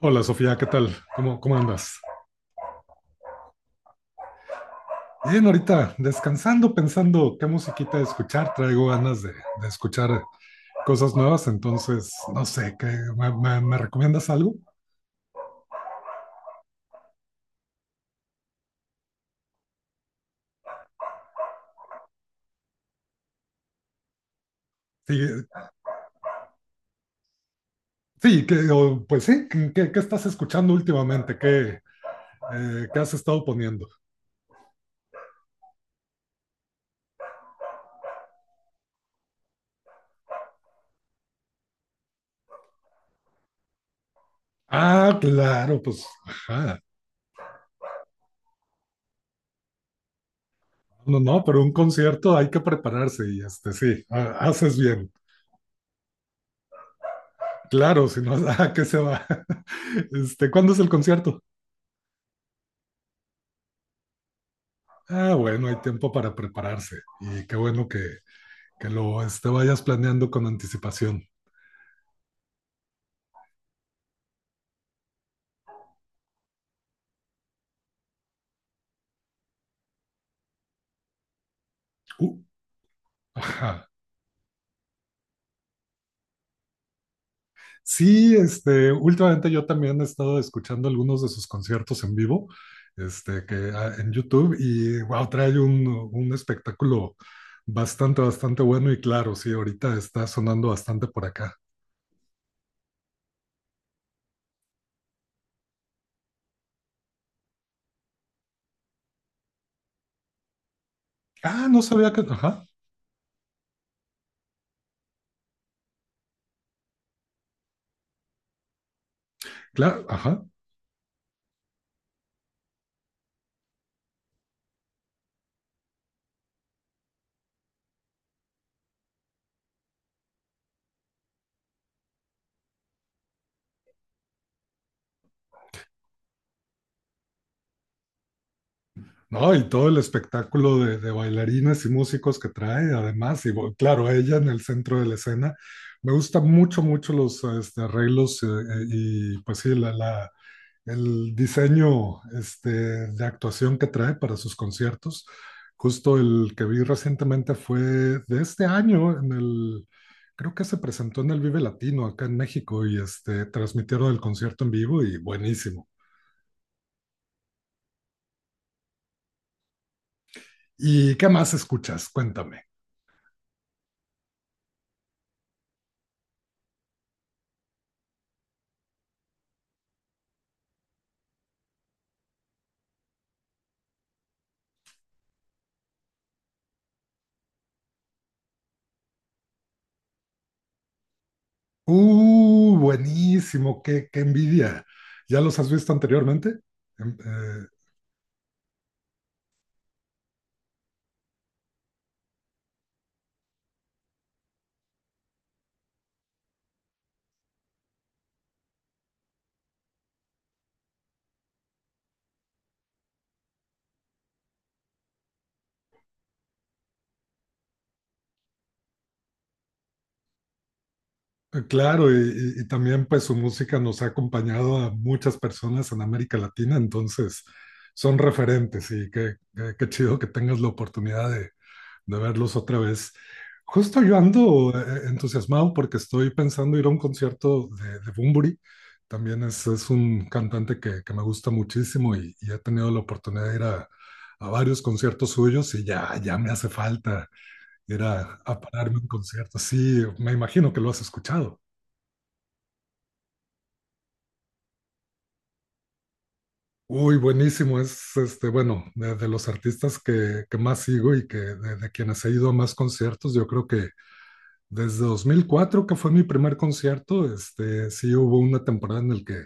Hola Sofía, ¿qué tal? ¿Cómo andas? Bien, ahorita descansando, pensando qué musiquita escuchar. Traigo ganas de escuchar cosas nuevas, entonces no sé, me recomiendas algo? Sí, sí pues sí, ¿qué estás escuchando últimamente? ¿Qué has estado poniendo? Ah, claro, pues, ajá. No, no, pero un concierto hay que prepararse y este sí, haces bien. Claro, si no, ¿a qué se va? Este, ¿cuándo es el concierto? Ah, bueno, hay tiempo para prepararse y qué bueno que, vayas planeando con anticipación. Uh, ajá. Sí, este, últimamente yo también he estado escuchando algunos de sus conciertos en vivo, este, que en YouTube y wow, trae un espectáculo bastante, bastante bueno y claro, sí, ahorita está sonando bastante por acá. Ah, no sabía que. Ajá, claro, ajá. No, y todo el espectáculo de bailarines y músicos que trae, además, y claro, ella en el centro de la escena. Me gustan mucho, mucho los este, arreglos y, pues sí, el diseño este, de actuación que trae para sus conciertos. Justo el que vi recientemente fue de este año, creo que se presentó en el Vive Latino acá en México y este, transmitieron el concierto en vivo y buenísimo. ¿Y qué más escuchas? Cuéntame. Buenísimo, qué envidia. ¿Ya los has visto anteriormente? Em, claro, y también pues su música nos ha acompañado a muchas personas en América Latina, entonces son referentes y qué chido que tengas la oportunidad de verlos otra vez. Justo yo ando entusiasmado porque estoy pensando ir a un concierto de Bunbury. También es un cantante que me gusta muchísimo y he tenido la oportunidad de ir a varios conciertos suyos y ya me hace falta ir a pararme un concierto. Sí, me imagino que lo has escuchado. Uy, buenísimo. Es este, bueno, de los artistas que más sigo y que de quienes he ido a más conciertos, yo creo que desde 2004 que fue mi primer concierto, este, sí hubo una temporada en la que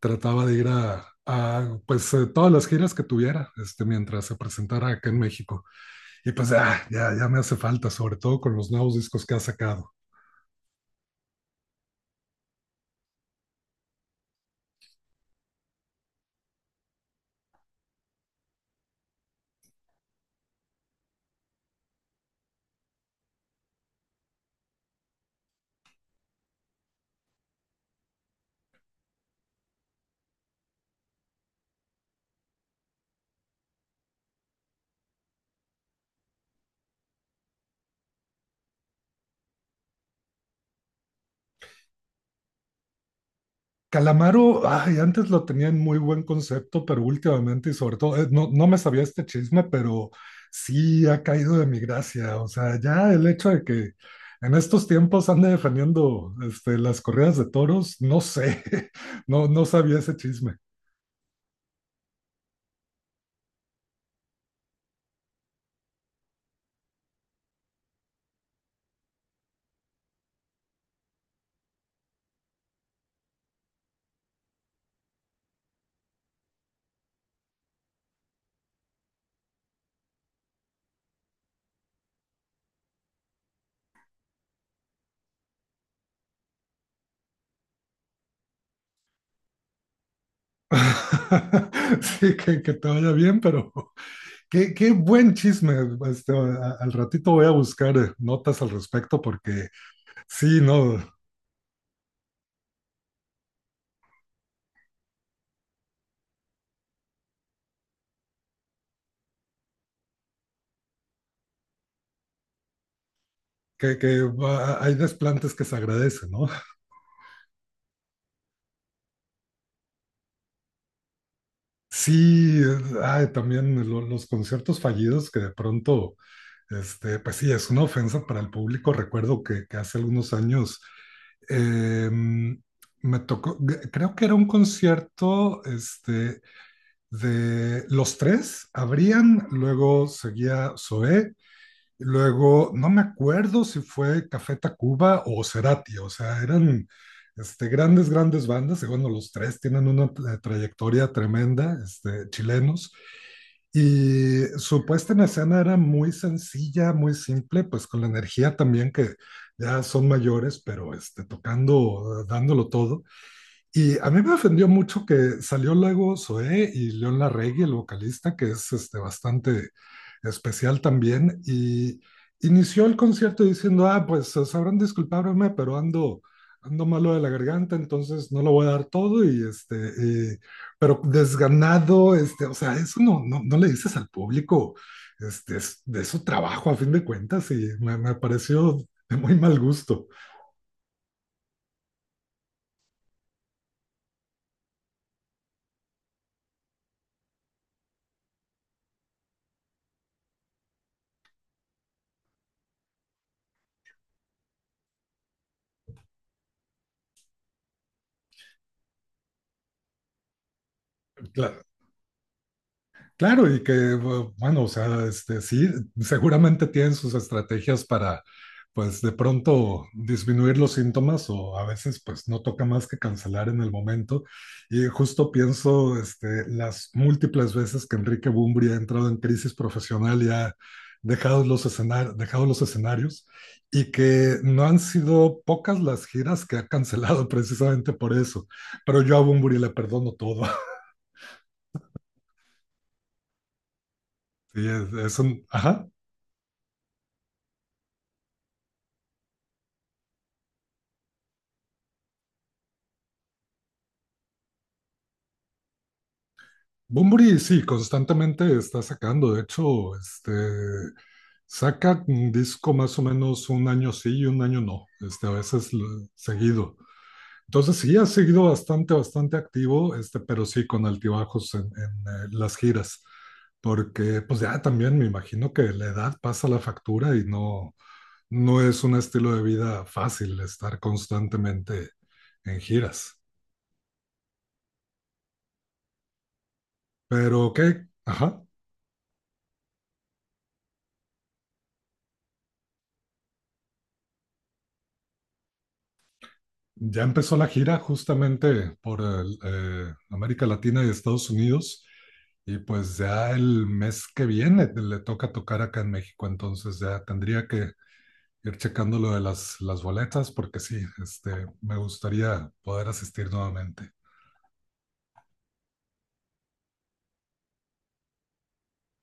trataba de ir a, pues, todas las giras que tuviera, este, mientras se presentara acá en México. Y pues ya me hace falta, sobre todo con los nuevos discos que ha sacado. Calamaro, ay, antes lo tenía en muy buen concepto, pero últimamente y sobre todo, no, no me sabía este chisme, pero sí ha caído de mi gracia. O sea, ya el hecho de que en estos tiempos ande defendiendo este, las corridas de toros, no sé, no, no sabía ese chisme. Sí, que te vaya bien, pero qué buen chisme. Este, al ratito voy a buscar notas al respecto porque sí, no, hay desplantes que se agradecen, ¿no? Sí, ay, también los conciertos fallidos que de pronto, este, pues sí, es una ofensa para el público. Recuerdo que hace algunos años me tocó, creo que era un concierto este, de los tres, abrían, luego seguía Zoé. Luego, no me acuerdo si fue Café Tacuba o Cerati, o sea, eran este, grandes, grandes bandas, y bueno, los tres tienen una trayectoria tremenda, este, chilenos, y su puesta en escena era muy sencilla, muy simple, pues con la energía también que ya son mayores, pero este, tocando, dándolo todo. Y a mí me ofendió mucho que salió luego Zoé y León Larregui, el vocalista, que es este, bastante especial también, y inició el concierto diciendo, ah, pues sabrán disculparme, pero ando, malo de la garganta, entonces no lo voy a dar todo, y este, y- pero desganado, este, o sea, eso no, no, no le dices al público, este, es de su trabajo a fin de cuentas, y me pareció de muy mal gusto. Cla- Claro, y que, bueno, o sea, este, sí, seguramente tienen sus estrategias para, pues, de pronto disminuir los síntomas o a veces, pues, no toca más que cancelar en el momento. Y justo pienso, este, las múltiples veces que Enrique Bumbri ha entrado en crisis profesional y ha dejado los, escenar dejado los escenarios y que no han sido pocas las giras que ha cancelado precisamente por eso. Pero yo a Bumburi le perdono todo. Sí, es un, ajá. Bunbury sí, constantemente está sacando. De hecho, este, saca un disco más o menos un año sí y un año no, este, a veces seguido. Entonces sí, ha seguido bastante, bastante activo, este, pero sí con altibajos las giras, porque pues ya también me imagino que la edad pasa la factura y no, no es un estilo de vida fácil estar constantemente en giras. Pero, ¿qué? Ajá. Ya empezó la gira justamente por América Latina y Estados Unidos y pues ya el mes que viene le toca tocar acá en México, entonces ya tendría que ir checando lo de las boletas porque sí, este, me gustaría poder asistir nuevamente.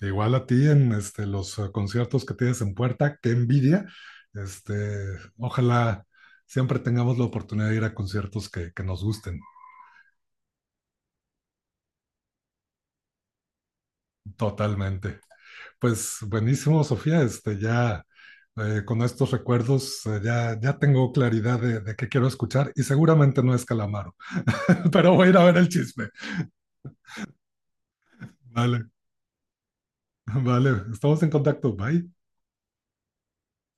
Igual a ti en este, los conciertos que tienes en puerta, qué envidia. Este, ojalá siempre tengamos la oportunidad de ir a conciertos que nos gusten totalmente. Pues buenísimo, Sofía. Este, ya con estos recuerdos ya tengo claridad de qué quiero escuchar y seguramente no es Calamaro, pero voy a ir a ver el chisme. Vale, vale. Estamos en contacto. Bye.